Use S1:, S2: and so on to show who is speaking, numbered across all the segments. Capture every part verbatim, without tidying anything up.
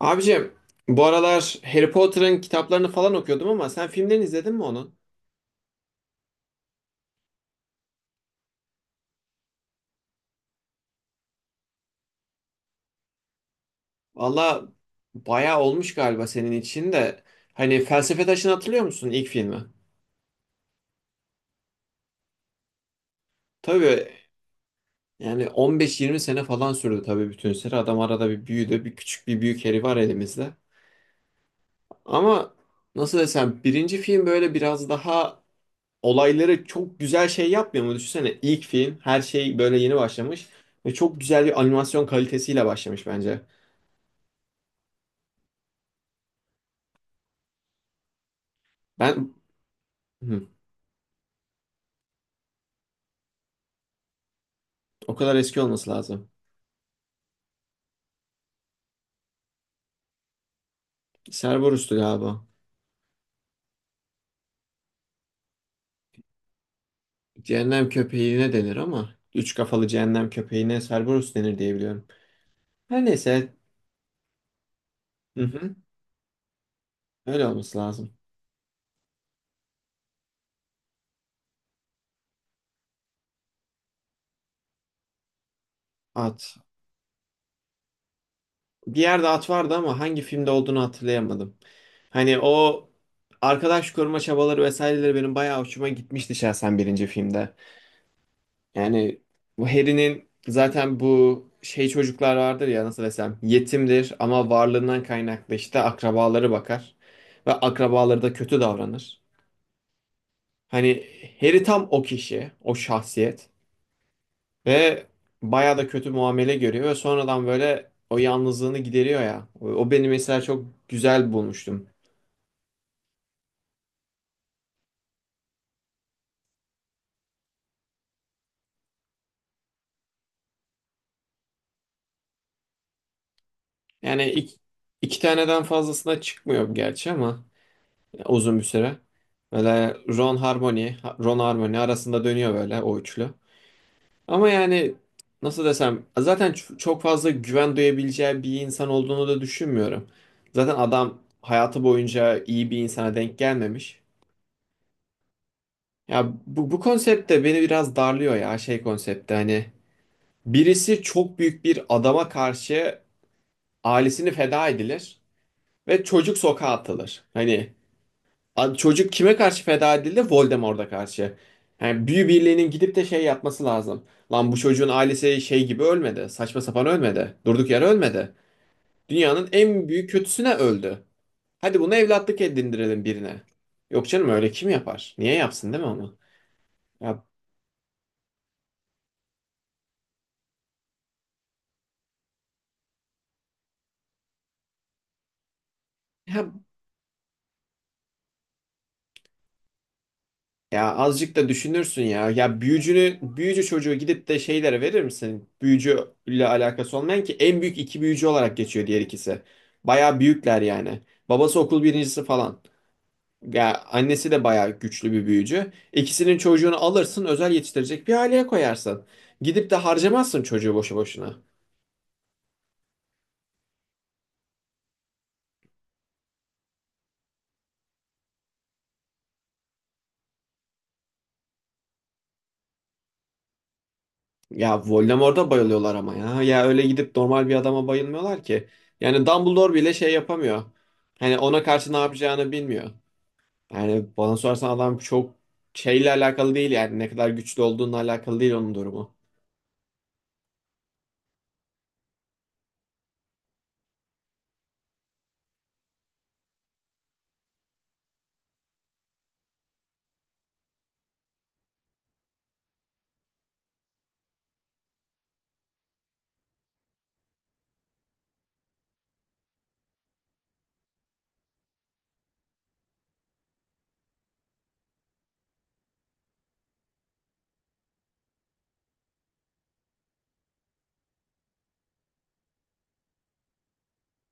S1: Abicim bu aralar Harry Potter'ın kitaplarını falan okuyordum ama sen filmlerini izledin mi onun? Valla bayağı olmuş galiba senin için de. Hani Felsefe Taşı'nı hatırlıyor musun ilk filmi? Tabii yani on beş yirmi sene falan sürdü tabii bütün seri. Adam arada bir büyüdü. Bir küçük bir büyük Harry var elimizde. Ama nasıl desem birinci film böyle biraz daha olayları çok güzel şey yapmıyor mu? Düşünsene ilk film her şey böyle yeni başlamış. Ve çok güzel bir animasyon kalitesiyle başlamış bence. Ben Hı O kadar eski olması lazım. Cerberus'tu galiba. Cehennem köpeğine denir ama üç kafalı cehennem köpeğine Cerberus denir diye biliyorum. Her neyse hı hı, öyle olması lazım. At. Bir yerde at vardı ama hangi filmde olduğunu hatırlayamadım. Hani o arkadaş koruma çabaları vesaireleri benim bayağı hoşuma gitmişti şahsen birinci filmde. Yani bu Harry'nin zaten bu şey çocuklar vardır ya, nasıl desem, yetimdir ama varlığından kaynaklı işte akrabaları bakar ve akrabaları da kötü davranır. Hani Harry tam o kişi, o şahsiyet ve bayağı da kötü muamele görüyor ve sonradan böyle o yalnızlığını gideriyor ya. O o beni mesela çok güzel bulmuştum. Yani iki, iki taneden fazlasına çıkmıyor gerçi ama uzun bir süre. Böyle Ron Harmony, Ron Harmony arasında dönüyor böyle o üçlü. Ama yani nasıl desem zaten ç- çok fazla güven duyabileceği bir insan olduğunu da düşünmüyorum. Zaten adam hayatı boyunca iyi bir insana denk gelmemiş. Ya bu, bu konsept de beni biraz darlıyor ya, şey konsepti hani birisi çok büyük bir adama karşı ailesini feda edilir ve çocuk sokağa atılır. Hani abi çocuk kime karşı feda edildi? Voldemort'a karşı. Yani büyü birliğinin gidip de şey yapması lazım. Lan bu çocuğun ailesi şey gibi ölmedi. Saçma sapan ölmedi. Durduk yere ölmedi. Dünyanın en büyük kötüsüne öldü. Hadi bunu evlatlık edindirelim birine. Yok canım, öyle kim yapar? Niye yapsın, değil mi onu? Ya, ya ya azıcık da düşünürsün ya. Ya büyücünü, büyücü çocuğu gidip de şeylere verir misin? Büyücüyle alakası olmayan, ki en büyük iki büyücü olarak geçiyor diğer ikisi. Bayağı büyükler yani. Babası okul birincisi falan. Ya annesi de bayağı güçlü bir büyücü. İkisinin çocuğunu alırsın, özel yetiştirecek bir aileye koyarsın. Gidip de harcamazsın çocuğu boşu boşuna. Ya Voldemort'a bayılıyorlar ama ya. Ya öyle gidip normal bir adama bayılmıyorlar ki. Yani Dumbledore bile şey yapamıyor. Hani ona karşı ne yapacağını bilmiyor. Yani bana sorarsan adam çok şeyle alakalı değil, yani ne kadar güçlü olduğunla alakalı değil onun durumu.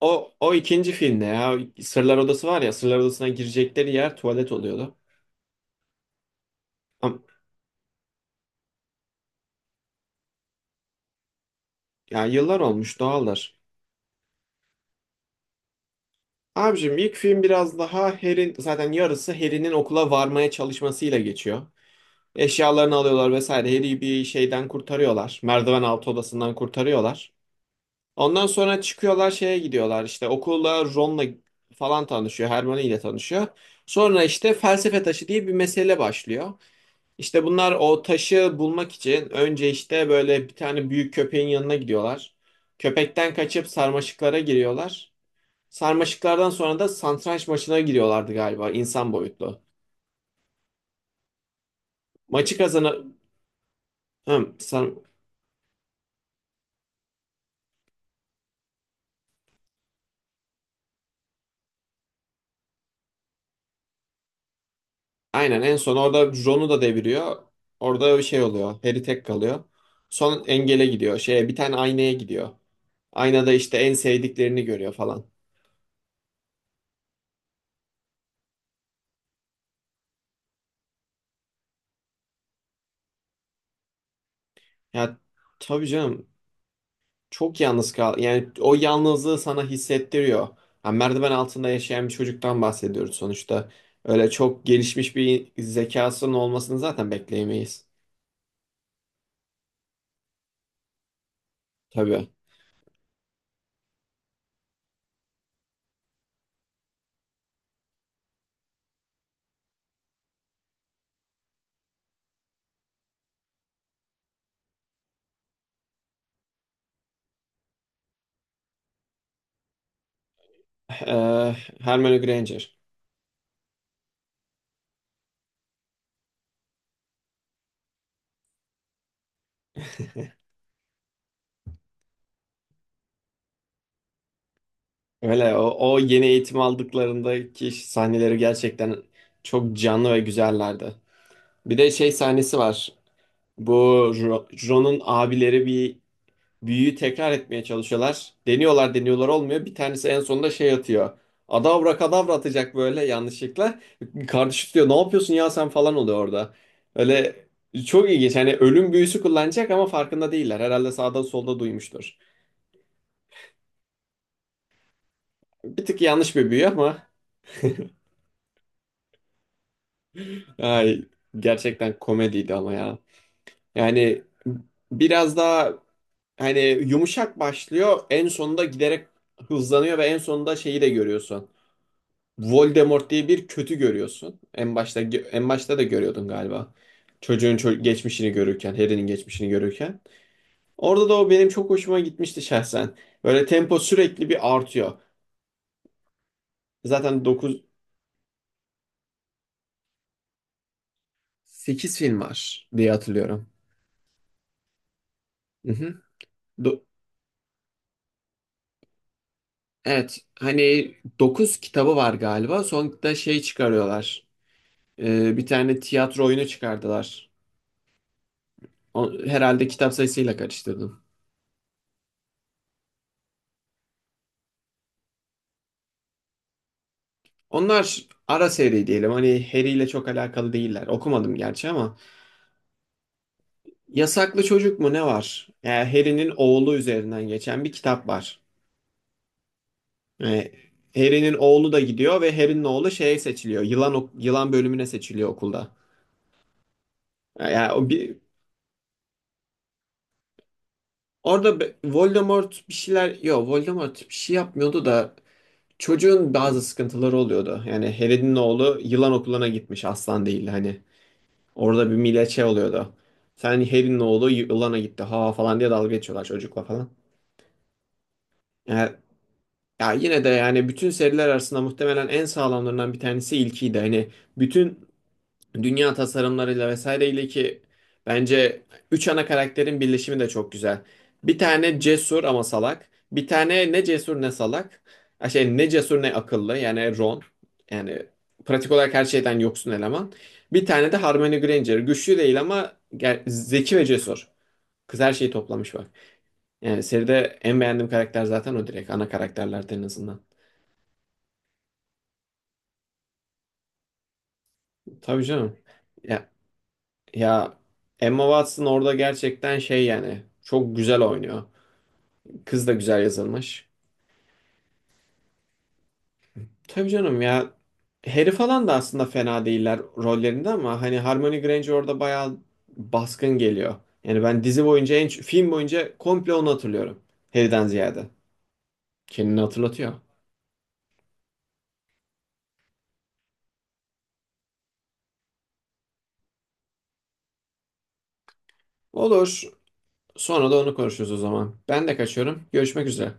S1: O, o ikinci filmde ya Sırlar Odası var ya, Sırlar Odası'na girecekleri yer tuvalet oluyordu. Am- Ya yıllar olmuş, doğaldır. Abicim ilk film biraz daha Harry'in, zaten yarısı Harry'nin okula varmaya çalışmasıyla geçiyor. Eşyalarını alıyorlar vesaire. Harry'i bir şeyden kurtarıyorlar. Merdiven altı odasından kurtarıyorlar. Ondan sonra çıkıyorlar şeye gidiyorlar işte okula, Ron'la falan tanışıyor, Hermione ile tanışıyor. Sonra işte felsefe taşı diye bir mesele başlıyor. İşte bunlar o taşı bulmak için önce işte böyle bir tane büyük köpeğin yanına gidiyorlar. Köpekten kaçıp sarmaşıklara giriyorlar. Sarmaşıklardan sonra da satranç maçına giriyorlardı galiba, insan boyutlu. Maçı kazanı... Hı, sar- Aynen, en son orada Jon'u da deviriyor. Orada bir şey oluyor. Harry tek kalıyor. Son engele gidiyor. Şeye bir tane aynaya gidiyor. Aynada işte en sevdiklerini görüyor falan. Ya tabii canım, çok yalnız kal. Yani o yalnızlığı sana hissettiriyor. Ha, merdiven altında yaşayan bir çocuktan bahsediyoruz sonuçta. Öyle çok gelişmiş bir zekasının olmasını zaten bekleyemeyiz. Tabii. Ee, Hermione Granger. Öyle o, o yeni eğitim aldıklarındaki sahneleri gerçekten çok canlı ve güzellerdi. Bir de şey sahnesi var. Bu Ro- Ron'un abileri bir büyüyü tekrar etmeye çalışıyorlar. Deniyorlar deniyorlar olmuyor. Bir tanesi en sonunda şey atıyor. Adavra kadavra atacak böyle yanlışlıkla. Kardeşi diyor ne yapıyorsun ya sen falan oluyor orada. Öyle çok ilginç. Hani ölüm büyüsü kullanacak ama farkında değiller. Herhalde sağda solda duymuştur. Bir tık yanlış bir büyü ama ay, gerçekten komediydi ama ya. Yani biraz daha hani yumuşak başlıyor. En sonunda giderek hızlanıyor ve en sonunda şeyi de görüyorsun. Voldemort diye bir kötü görüyorsun. En başta en başta da görüyordun galiba. Çocuğun ço- geçmişini görürken, Harry'nin geçmişini görürken. Orada da o benim çok hoşuma gitmişti şahsen. Böyle tempo sürekli bir artıyor. Zaten dokuz sekiz film var diye hatırlıyorum. Hı hı. Do- evet, hani dokuz kitabı var galiba. Sonunda şey çıkarıyorlar. Ee, bir tane tiyatro oyunu çıkardılar. O- herhalde kitap sayısıyla karıştırdım. Onlar ara seri diyelim. Hani Harry ile çok alakalı değiller. Okumadım gerçi ama. Yasaklı Çocuk mu ne var? Yani Harry'nin oğlu üzerinden geçen bir kitap var. Yani Harry'nin oğlu da gidiyor ve Harry'nin oğlu şeye seçiliyor. Yılan ok- yılan bölümüne seçiliyor okulda. Yani o bir orada be- Voldemort bir şeyler yok, Voldemort bir şey yapmıyordu da çocuğun bazı sıkıntıları oluyordu. Yani Harry'nin oğlu yılan okuluna gitmiş, aslan değil hani. Orada bir millet şey oluyordu. Sen Harry'nin oğlu yılana gitti ha falan diye dalga geçiyorlar çocukla falan. Yani, ya yine de yani bütün seriler arasında muhtemelen en sağlamlarından bir tanesi ilkiydi. Hani bütün dünya tasarımlarıyla vesaireyle, ki bence üç ana karakterin birleşimi de çok güzel. Bir tane cesur ama salak. Bir tane ne cesur ne salak. Ha, şey, ne cesur ne akıllı, yani Ron. Yani pratik olarak her şeyden yoksun eleman. Bir tane de Hermione Granger. Güçlü değil ama ger- zeki ve cesur. Kız her şeyi toplamış bak. Yani seride en beğendiğim karakter zaten o direkt. Ana karakterlerden en azından. Tabii canım. Ya Emma Watson orada gerçekten şey, yani çok güzel oynuyor. Kız da güzel yazılmış. Tabii canım ya, Harry falan da aslında fena değiller rollerinde ama hani Hermione Granger orada bayağı baskın geliyor. Yani ben dizi boyunca, en film boyunca komple onu hatırlıyorum. Harry'den ziyade. Kendini hatırlatıyor. Olur. Sonra da onu konuşuruz o zaman. Ben de kaçıyorum. Görüşmek üzere.